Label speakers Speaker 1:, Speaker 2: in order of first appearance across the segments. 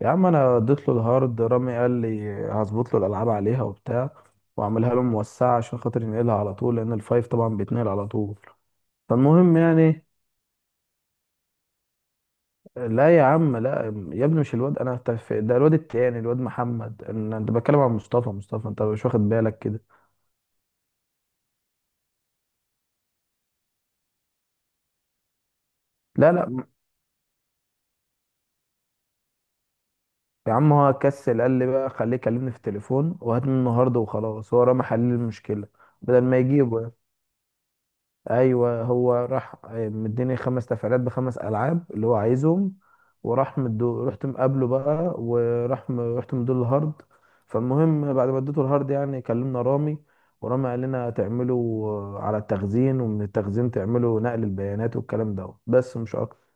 Speaker 1: يا عم انا اديت له الهارد. رامي قال لي هظبط له الالعاب عليها وبتاع، واعملها له موسعه عشان خاطر ينقلها على طول، لان الفايف طبعا بيتنقل على طول. فالمهم يعني. لا يا عم لا يا ابني مش الواد، انا ده الواد التاني، الواد محمد. انا انت بتكلم عن مصطفى. انت مش واخد بالك كده. لا يا عم، هو كسل. قال لي بقى خليه يكلمني في التليفون وهات منه هارد وخلاص، هو رامي حل المشكله بدل ما يجيبه يعني. ايوه، هو راح مديني خمس تفعيلات بخمس العاب اللي هو عايزهم، وراح مدو رحت مقابله بقى، رحت مديله الهارد. فالمهم بعد ما اديته الهارد يعني كلمنا رامي، ورامي قال لنا تعملوا على التخزين، ومن التخزين تعملوا نقل البيانات، والكلام ده بس مش اكتر.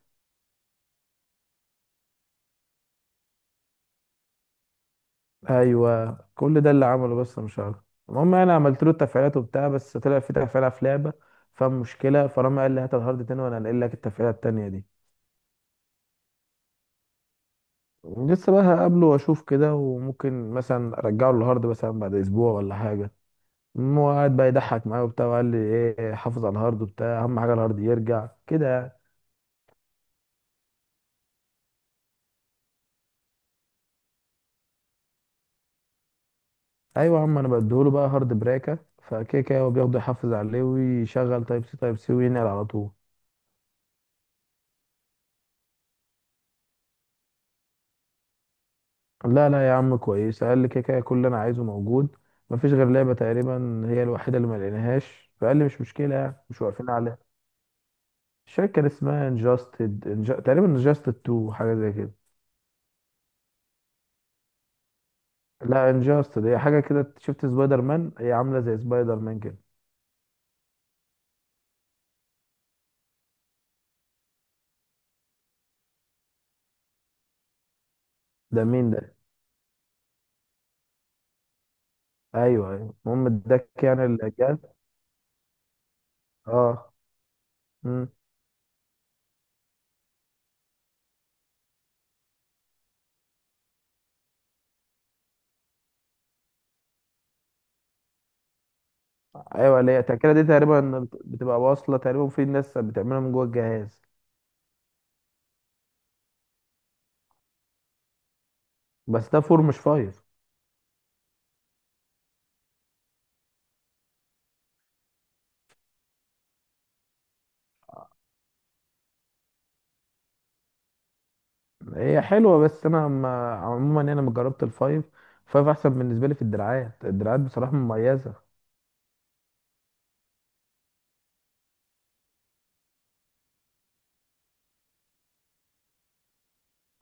Speaker 1: ايوه كل ده اللي عمله بس مش اكتر. المهم انا عملت له التفعيلات وبتاع، بس طلع في تفعيله في لعبه فمشكله، فرامي قال لي هات الهارد تاني وانا هنقل لك التفعيله التانيه دي. لسه بقى هقابله واشوف كده، وممكن مثلا ارجعه للهارد مثلا بعد اسبوع ولا حاجه. هو قاعد بقى يضحك معايا وبتاع، وقال لي ايه، حافظ على الهارد وبتاع، اهم حاجه الهارد يرجع كده يعني. ايوه يا عم، انا بديهوله بقى هارد بريكه، فكده كده هو بياخده يحافظ عليه، ويشغل تايب سي تايب سي وينقل على طول. لا لا يا عم كويس، قال لي كده كده كل اللي انا عايزه موجود. مفيش غير لعبه تقريبا هي الوحيده اللي ما لقيناهاش، فقال لي مش مشكله يعني، مش واقفين عليها. الشركه كان اسمها تقريبا انجاستد 2، حاجه زي كده. لا انجاستد هي حاجه كده، شفت سبايدر مان، هي عامله زي سبايدر مان كده. ده مين ده؟ ايوه ايوه، المهم اداك يعني الاجال. اه. مم. ايوه اللي هي التأكلة دي تقريبا بتبقى واصله، تقريبا في ناس بتعملها من جوه الجهاز. بس ده فور مش فايف. هي حلوه، بس انا ما عموما يعني انا ما جربت الفايف. فايف احسن بالنسبه لي في الدراعات، الدراعات بصراحه مميزه.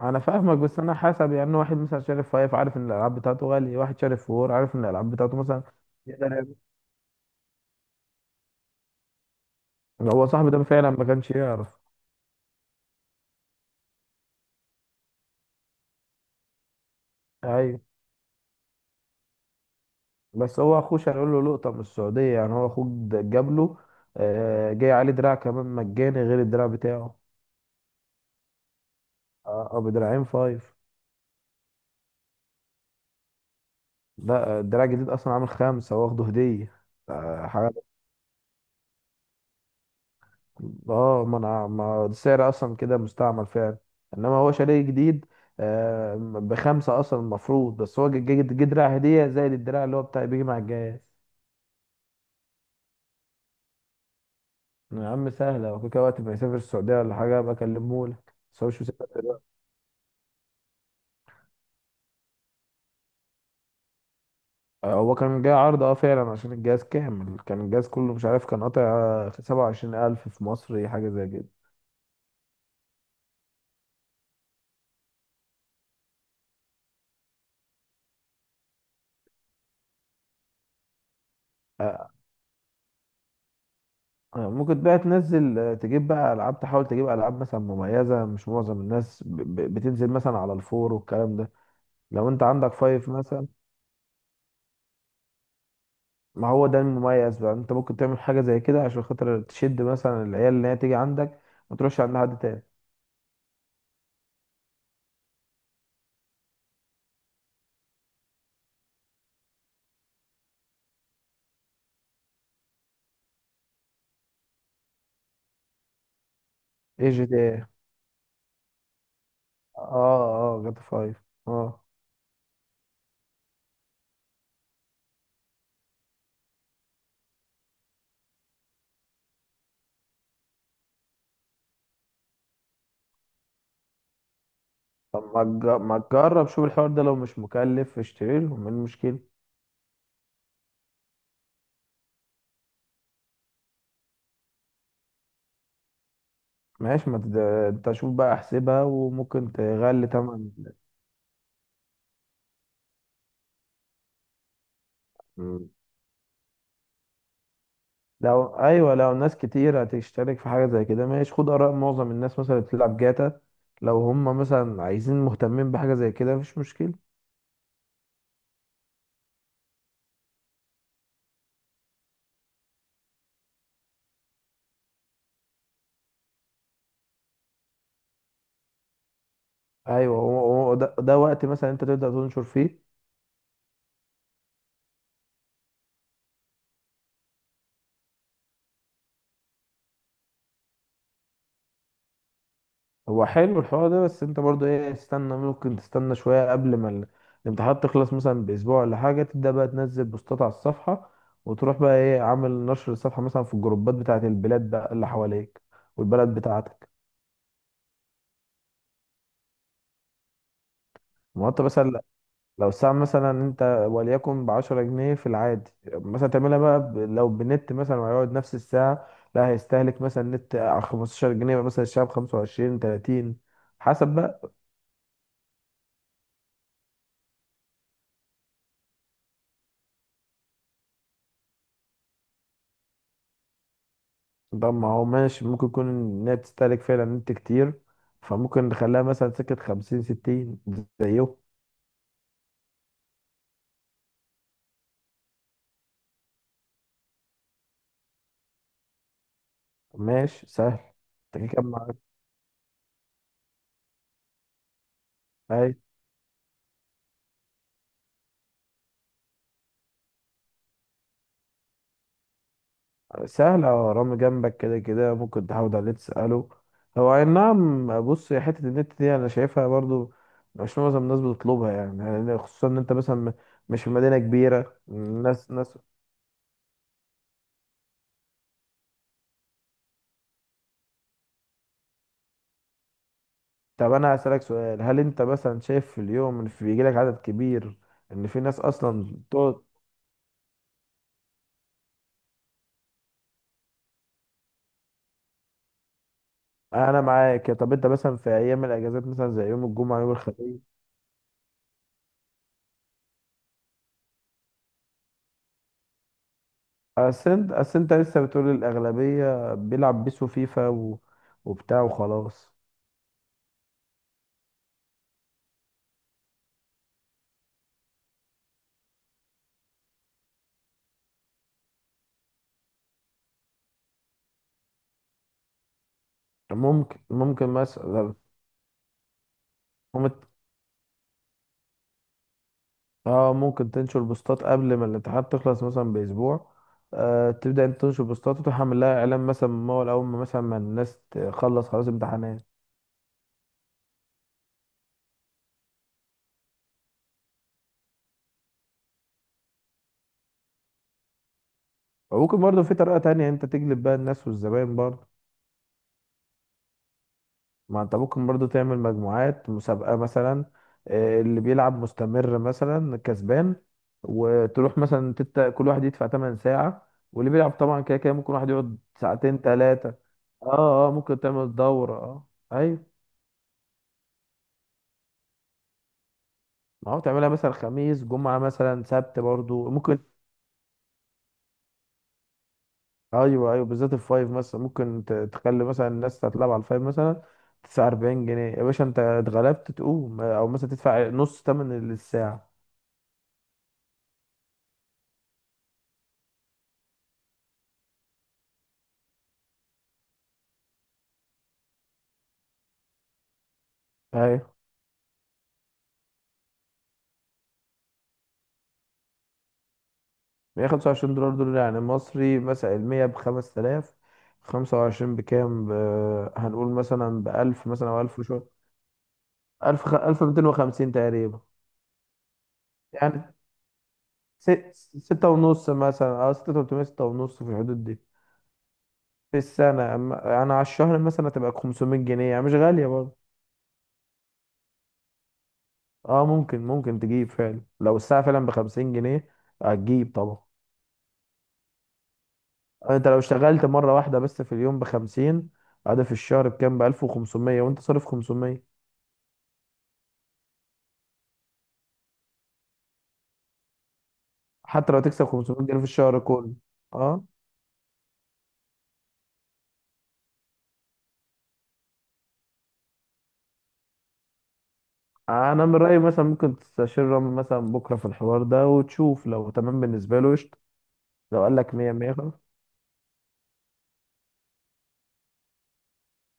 Speaker 1: انا فاهمك، بس انا حسب يعني، واحد مثلا شارف فايف عارف ان الالعاب بتاعته غاليه، واحد شارف فور عارف ان الالعاب بتاعته مثلا. يقدر. هو صاحبي ده فعلا ما كانش يعرف. ايوه، بس هو اخوه كان يقول له لقطه من السعوديه يعني. هو اخوه جاب له جاي عليه دراع كمان مجاني غير الدراع بتاعه. اه، بدراعين فايف. لا، الدراع الجديد اصلا عامل خمسه، واخده هديه. حاجه. اه، ما انا ما السعر اصلا كده مستعمل فعلا. انما هو شاريه جديد، بخمسه اصلا المفروض. بس هو جه دراع هديه، زائد الدراع اللي هو بتاع بيجي مع الجهاز. يا عم سهلة، لو كده وقت ما يسافر السعودية ولا حاجة أبقى أكلمهولك، بس هو مش مسافر دلوقتي. هو كان جاي عرض اه فعلا، عشان الجهاز كامل، كان الجهاز كله مش عارف، كان قاطع سبعة وعشرين ألف في مصر حاجة زي كده. آه، ممكن بقى تنزل، تجيب بقى ألعاب، تحاول تجيب ألعاب مثلا مميزة، مش معظم الناس بتنزل مثلا على الفور والكلام ده. لو أنت عندك فايف مثلا، ما هو ده المميز بقى. أنت ممكن تعمل حاجة زي كده عشان خاطر تشد مثلا العيال اللي هي تيجي عندك، ما تروحش عند حد تاني. ايه جي تي إيه؟ اه اه، جاتا فايف. اه. طب ما تجرب شوف الحوار ده، لو مش مكلف اشتري لهم، ايه المشكلة؟ ماشي، ما تد... انت شوف بقى احسبها وممكن تغلي تمن. مم. لو ايوه، لو ناس كتير هتشترك في حاجة زي كده، ماشي، خد آراء معظم الناس مثلا اللي بتلعب جاتا، لو هم مثلا عايزين مهتمين بحاجة زي كده مفيش مشكلة. ايوه، هو ده، وقت مثلا انت تبدأ تنشر فيه. هو حلو الحوار ده، بس انت برضو ايه، استنى ممكن تستنى شوية قبل ما الامتحانات تخلص مثلا بأسبوع ولا حاجة، تبدأ بقى تنزل بوستات على الصفحة، وتروح بقى ايه عامل نشر الصفحة مثلا في الجروبات بتاعة البلاد بقى اللي حواليك والبلد بتاعتك. ما هو انت مثلا، لو الساعة مثلا انت وليكن بعشرة جنيه في العادي، مثلا تعملها بقى لو بنت مثلا، وهيقعد نفس الساعة، لا، هيستهلك مثلا نت على 15 جنيه، يبقى مثلا الشعب 25 30 حسب. طب ما هو ماشي، ممكن يكون إنها بتستهلك فعلا نت كتير، فممكن نخليها مثلا سكة خمسين ستين زيه. ماشي سهل. انت كده كده معاك. أي. سهل، أه رامي جنبك كده كده ممكن تحاول عليه تسأله. هو أي نعم، بص يا حتة النت دي أنا شايفها برضو مش معظم الناس بتطلبها يعني، يعني خصوصا إن أنت مثلا مش في مدينة كبيرة، الناس ناس. طب أنا هسألك سؤال، هل أنت مثلا شايف في اليوم إن بيجيلك عدد كبير، إن في ناس أصلا؟ انا معاك. طب انت مثلا في ايام الاجازات مثلا زي يوم الجمعه يوم الخميس؟ اصل انت لسه بتقول الاغلبيه بيلعب بيسو فيفا و... وبتاع وخلاص. ممكن ممكن مثلا ممكن، اه ممكن تنشر بوستات قبل ما الامتحانات تخلص مثلا باسبوع، آه تبدا انت تنشر بوستات، وتروح عامل لها اعلان مثلا من اول ما مثلا ما الناس تخلص خلاص امتحانات. وممكن برضه في طريقه تانية انت تجلب بقى الناس والزباين برضه. ما انت ممكن برضو تعمل مجموعات مسابقة مثلا، اللي بيلعب مستمر مثلا كسبان، وتروح مثلا كل واحد يدفع 8 ساعة، واللي بيلعب طبعا كده كده ممكن واحد يقعد ساعتين ثلاثة. اه ممكن تعمل دورة، اه ايوه. ما هو تعملها مثلا خميس جمعة مثلا سبت برضو ممكن. ايوه ايوه، بالذات الفايف مثلا ممكن تخلي مثلا الناس تتلعب على الفايف مثلا، تدفع 40 جنيه يا باشا انت اتغلبت تقوم، او مثلا تدفع نص تمن الساعة. ايوه. 125 دولار دول يعني مصري مثلا، المية بخمس تلاف، خمسة وعشرين بكام ب... هنقول مثلا بألف مثلا أو ألف وشوية. ألف ميتين وخمسين تقريبا. يعني س... ستة ونص مثلا أو ستة تلتمية، ستة ونص في الحدود دي. في السنة أما يعني على الشهر مثلا تبقى خمسمية جنيه، يعني مش غالية برضه. اه ممكن، ممكن تجيب فعلا لو الساعة فعلا بخمسين جنيه هتجيب طبعا. انت لو اشتغلت مرة واحدة بس في اليوم بخمسين، هذا في الشهر بكام؟ بألف وخمسمية، وانت صارف خمسمية. حتى لو تكسب 500 جنيه في الشهر كله. اه، انا من رايي مثلا ممكن تستشير رامي مثلا بكره في الحوار ده، وتشوف لو تمام بالنسبه له قشطه. لو قال لك 100، 100 خلاص.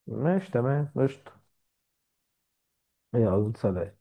Speaker 1: ماشي تمام قشطه. يلا سلام.